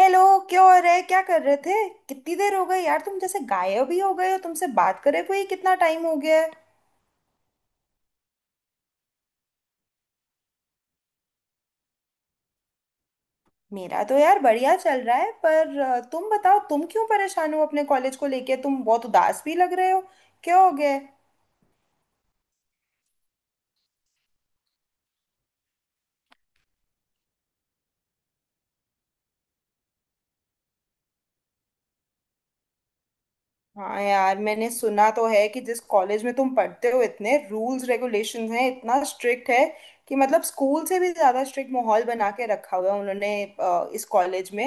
Hello. क्या हो रहा है? क्या कर रहे थे? कितनी देर हो गई यार, तुम जैसे गायब ही हो गए हो। तुमसे बात करे हुए ही कितना टाइम हो गया है। मेरा तो यार बढ़िया चल रहा है, पर तुम बताओ, तुम क्यों परेशान हो अपने कॉलेज को लेके? तुम बहुत उदास भी लग रहे हो। क्या हो गया है? हाँ यार, मैंने सुना तो है कि जिस कॉलेज में तुम पढ़ते हो, इतने रूल्स रेगुलेशंस हैं, इतना स्ट्रिक्ट है कि मतलब स्कूल से भी ज्यादा स्ट्रिक्ट माहौल बना के रखा हुआ है उन्होंने इस कॉलेज में।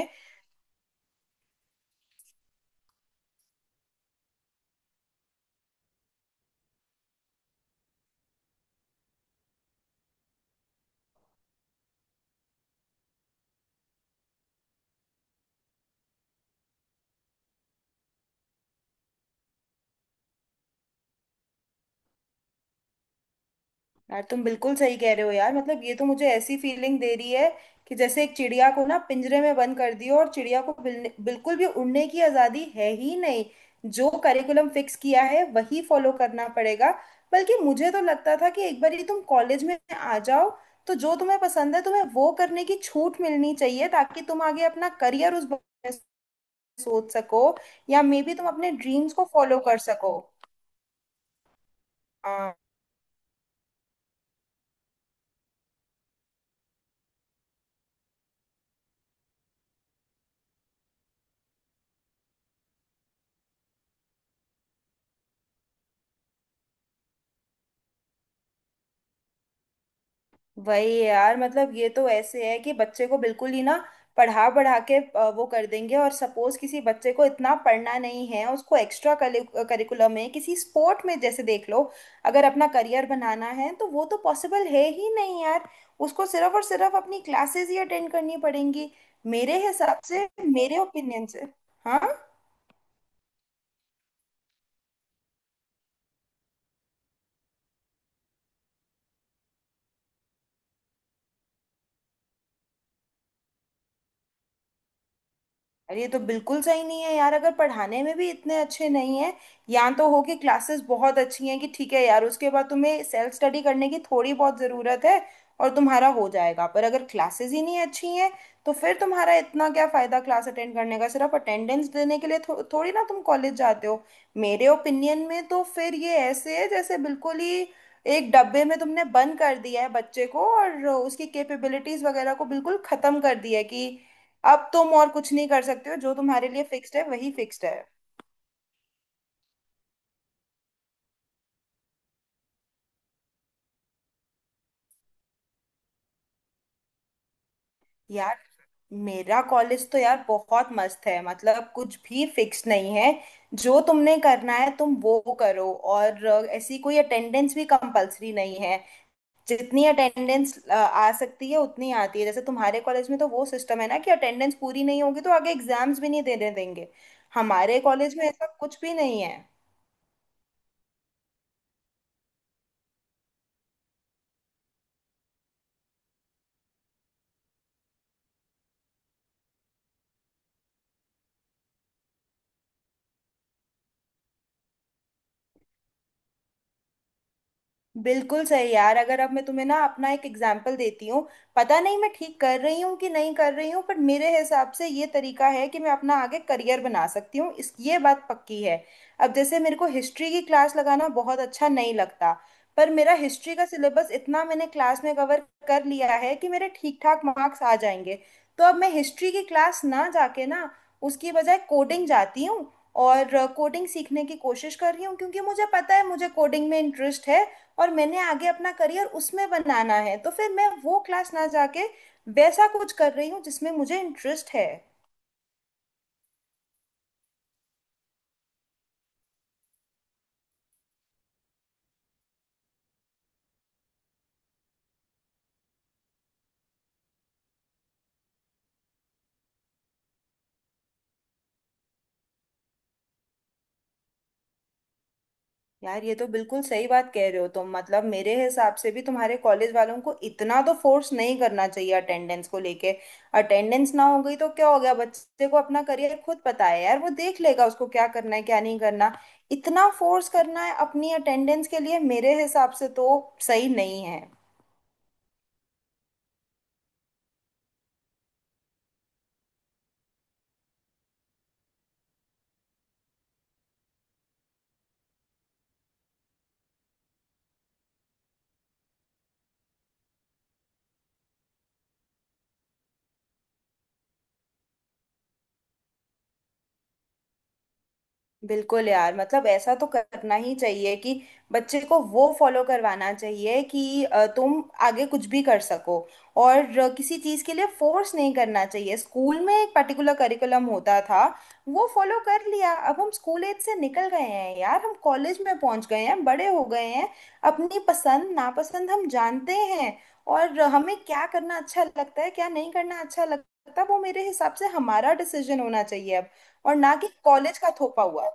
यार तुम बिल्कुल सही कह रहे हो यार, मतलब ये तो मुझे ऐसी फीलिंग दे रही है कि जैसे एक चिड़िया को ना पिंजरे में बंद कर दियो, और चिड़िया को बिल्कुल भी उड़ने की आजादी है ही नहीं। जो करिकुलम फिक्स किया है वही फॉलो करना पड़ेगा। बल्कि मुझे तो लगता था कि एक बार ही तुम कॉलेज में आ जाओ, तो जो तुम्हें पसंद है, तुम्हें वो करने की छूट मिलनी चाहिए, ताकि तुम आगे अपना करियर उस बारे में सोच सको, या मे बी तुम अपने ड्रीम्स को फॉलो कर सको। हाँ। वही यार, मतलब ये तो ऐसे है कि बच्चे को बिल्कुल ही ना पढ़ा पढ़ा के वो कर देंगे। और सपोज किसी बच्चे को इतना पढ़ना नहीं है, उसको एक्स्ट्रा करिकुलम में किसी स्पोर्ट में जैसे देख लो, अगर अपना करियर बनाना है, तो वो तो पॉसिबल है ही नहीं यार। उसको सिर्फ और सिर्फ अपनी क्लासेस ही अटेंड करनी पड़ेंगी। मेरे हिसाब से, मेरे ओपिनियन से। हाँ। अरे ये तो बिल्कुल सही नहीं है यार, अगर पढ़ाने में भी इतने अच्छे नहीं है। या तो हो कि क्लासेस बहुत अच्छी हैं कि ठीक है यार, उसके बाद तुम्हें सेल्फ स्टडी करने की थोड़ी बहुत ज़रूरत है और तुम्हारा हो जाएगा। पर अगर क्लासेस ही नहीं अच्छी हैं, तो फिर तुम्हारा इतना क्या फ़ायदा क्लास अटेंड करने का? सिर्फ अटेंडेंस देने के लिए थोड़ी ना तुम कॉलेज जाते हो। मेरे ओपिनियन में तो फिर ये ऐसे है जैसे बिल्कुल ही एक डब्बे में तुमने बंद कर दिया है बच्चे को, और उसकी कैपेबिलिटीज़ वगैरह को बिल्कुल ख़त्म कर दिया है कि अब तुम और कुछ नहीं कर सकते हो, जो तुम्हारे लिए फिक्स्ड है वही फिक्स्ड है। यार मेरा कॉलेज तो यार बहुत मस्त है, मतलब कुछ भी फिक्स नहीं है। जो तुमने करना है तुम वो करो, और ऐसी कोई अटेंडेंस भी कंपलसरी नहीं है। जितनी अटेंडेंस आ सकती है उतनी आती है। जैसे तुम्हारे कॉलेज में तो वो सिस्टम है ना कि अटेंडेंस पूरी नहीं होगी तो आगे एग्जाम्स भी नहीं देने देंगे। हमारे कॉलेज में ऐसा कुछ भी नहीं है। बिल्कुल सही यार। अगर अब मैं तुम्हें ना अपना एक एग्जाम्पल देती हूँ, पता नहीं मैं ठीक कर रही हूँ कि नहीं कर रही हूँ, पर मेरे हिसाब से ये तरीका है कि मैं अपना आगे करियर बना सकती हूँ, इस ये बात पक्की है। अब जैसे मेरे को हिस्ट्री की क्लास लगाना बहुत अच्छा नहीं लगता, पर मेरा हिस्ट्री का सिलेबस इतना मैंने क्लास में कवर कर लिया है कि मेरे ठीक ठाक मार्क्स आ जाएंगे। तो अब मैं हिस्ट्री की क्लास ना जाके, ना उसकी बजाय कोडिंग जाती हूँ, और कोडिंग सीखने की कोशिश कर रही हूँ, क्योंकि मुझे पता है मुझे कोडिंग में इंटरेस्ट है और मैंने आगे अपना करियर उसमें बनाना है। तो फिर मैं वो क्लास ना जाके वैसा कुछ कर रही हूँ जिसमें मुझे इंटरेस्ट है। यार ये तो बिल्कुल सही बात कह रहे हो तुम, मतलब मेरे हिसाब से भी तुम्हारे कॉलेज वालों को इतना तो फोर्स नहीं करना चाहिए अटेंडेंस को लेके। अटेंडेंस ना हो गई तो क्या हो गया? बच्चे को अपना करियर खुद पता है यार, वो देख लेगा उसको क्या करना है क्या नहीं करना। इतना फोर्स करना है अपनी अटेंडेंस के लिए, मेरे हिसाब से तो सही नहीं है। बिल्कुल यार, मतलब ऐसा तो करना ही चाहिए कि बच्चे को वो फॉलो करवाना चाहिए कि तुम आगे कुछ भी कर सको, और किसी चीज़ के लिए फोर्स नहीं करना चाहिए। स्कूल में एक पर्टिकुलर करिकुलम होता था, वो फॉलो कर लिया। अब हम स्कूल एज से निकल गए हैं यार, हम कॉलेज में पहुंच गए हैं, बड़े हो गए हैं। अपनी पसंद नापसंद हम जानते हैं, और हमें क्या करना अच्छा लगता है क्या नहीं करना अच्छा लगता, वो मेरे हिसाब से हमारा डिसीजन होना चाहिए अब, और ना कि कॉलेज का थोपा हुआ।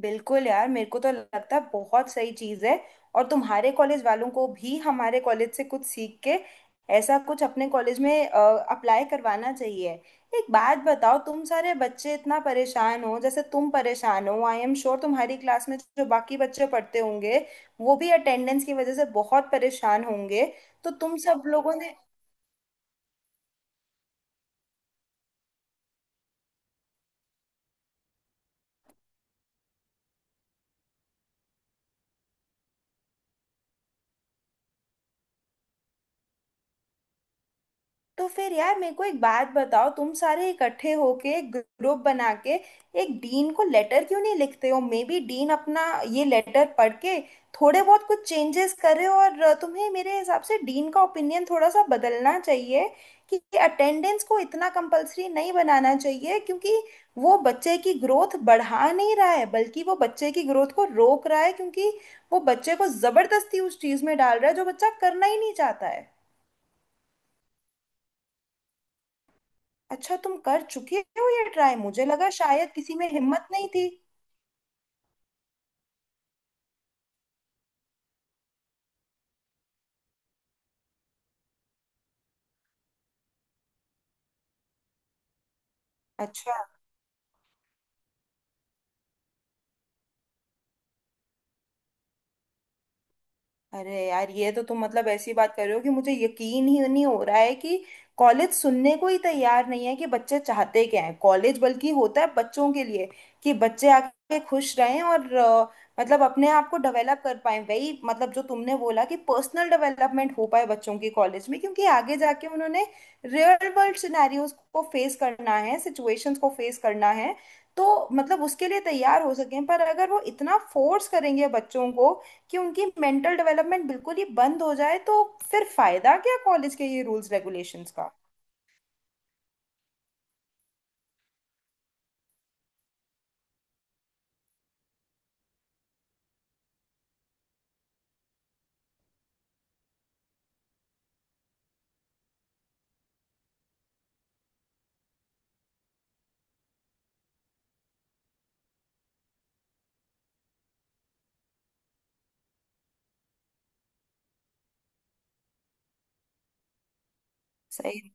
बिल्कुल यार, मेरे को तो लगता है बहुत सही चीज़ है, और तुम्हारे कॉलेज वालों को भी हमारे कॉलेज से कुछ सीख के ऐसा कुछ अपने कॉलेज में अप्लाई करवाना चाहिए। एक बात बताओ, तुम सारे बच्चे इतना परेशान हो जैसे तुम परेशान हो? आई एम श्योर तुम्हारी क्लास में जो बाकी बच्चे पढ़ते होंगे वो भी अटेंडेंस की वजह से बहुत परेशान होंगे। तो तुम सब लोगों ने, तो फिर यार मेरे को एक बात बताओ, तुम सारे इकट्ठे होके एक ग्रुप बना के एक डीन को लेटर क्यों नहीं लिखते हो? मे बी डीन अपना ये लेटर पढ़ के थोड़े बहुत कुछ चेंजेस करे, और तुम्हें मेरे हिसाब से डीन का ओपिनियन थोड़ा सा बदलना चाहिए कि अटेंडेंस को इतना कंपलसरी नहीं बनाना चाहिए, क्योंकि वो बच्चे की ग्रोथ बढ़ा नहीं रहा है, बल्कि वो बच्चे की ग्रोथ को रोक रहा है, क्योंकि वो बच्चे को जबरदस्ती उस चीज में डाल रहा है जो बच्चा करना ही नहीं चाहता है। अच्छा, तुम कर चुके हो ये ट्राई? मुझे लगा शायद किसी में हिम्मत नहीं थी। अच्छा। अरे यार, ये तो तुम मतलब ऐसी बात कर रहे हो कि मुझे यकीन ही नहीं हो रहा है कि कॉलेज सुनने को ही तैयार नहीं है कि बच्चे चाहते क्या हैं। कॉलेज बल्कि होता है बच्चों के लिए कि बच्चे आके खुश रहें और मतलब अपने आप को डेवलप कर पाए, वही मतलब जो तुमने बोला कि पर्सनल डेवलपमेंट हो पाए बच्चों की कॉलेज में, क्योंकि आगे जाके उन्होंने रियल वर्ल्ड सिनेरियोज को फेस करना है, सिचुएशंस को फेस करना है, तो मतलब उसके लिए तैयार हो सकें। पर अगर वो इतना फोर्स करेंगे बच्चों को कि उनकी मेंटल डेवलपमेंट बिल्कुल ही बंद हो जाए, तो फिर फायदा क्या कॉलेज के ये रूल्स रेगुलेशंस का? सही।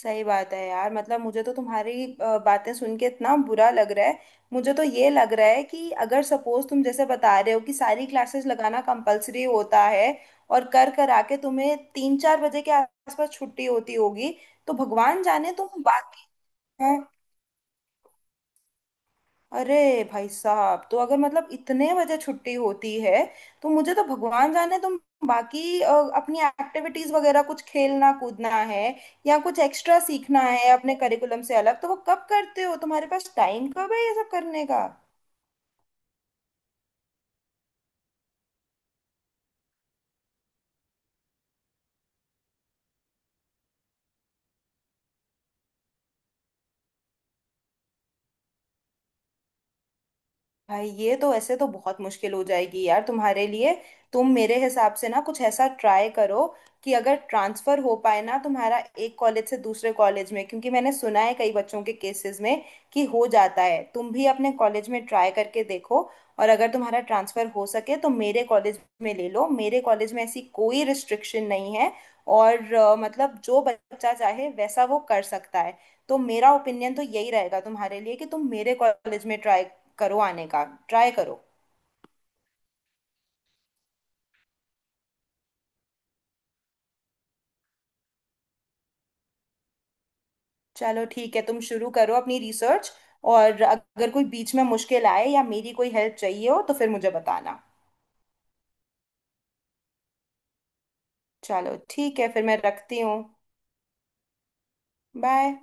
सही बात है यार, मतलब मुझे तो तुम्हारी बातें सुन के इतना बुरा लग रहा है। मुझे तो ये लग रहा है कि अगर सपोज तुम जैसे बता रहे हो कि सारी क्लासेस लगाना कंपलसरी होता है और कर कर आके तुम्हें 3-4 बजे के आसपास छुट्टी होती होगी, तो भगवान जाने तुम बाकी। अरे भाई साहब, तो अगर मतलब इतने बजे छुट्टी होती है, तो मुझे तो भगवान जाने तुम बाकी अपनी एक्टिविटीज वगैरह कुछ खेलना कूदना है या कुछ एक्स्ट्रा सीखना है अपने करिकुलम से अलग, तो वो कब करते हो? तुम्हारे पास टाइम कब है ये सब करने का? भाई ये तो ऐसे तो बहुत मुश्किल हो जाएगी यार तुम्हारे लिए। तुम मेरे हिसाब से ना कुछ ऐसा ट्राई करो कि अगर ट्रांसफर हो पाए ना तुम्हारा एक कॉलेज से दूसरे कॉलेज में, क्योंकि मैंने सुना है कई बच्चों के केसेस में कि हो जाता है। तुम भी अपने कॉलेज में ट्राई करके देखो, और अगर तुम्हारा ट्रांसफर हो सके तो मेरे कॉलेज में ले लो। मेरे कॉलेज में ऐसी कोई रिस्ट्रिक्शन नहीं है, और मतलब जो बच्चा चाहे वैसा वो कर सकता है। तो मेरा ओपिनियन तो यही रहेगा तुम्हारे लिए कि तुम मेरे कॉलेज में ट्राई करो आने का। ट्राई करो। चलो ठीक है, तुम शुरू करो अपनी रिसर्च। और अगर कोई बीच में मुश्किल आए या मेरी कोई हेल्प चाहिए हो तो फिर मुझे बताना। चलो ठीक है, फिर मैं रखती हूँ। बाय।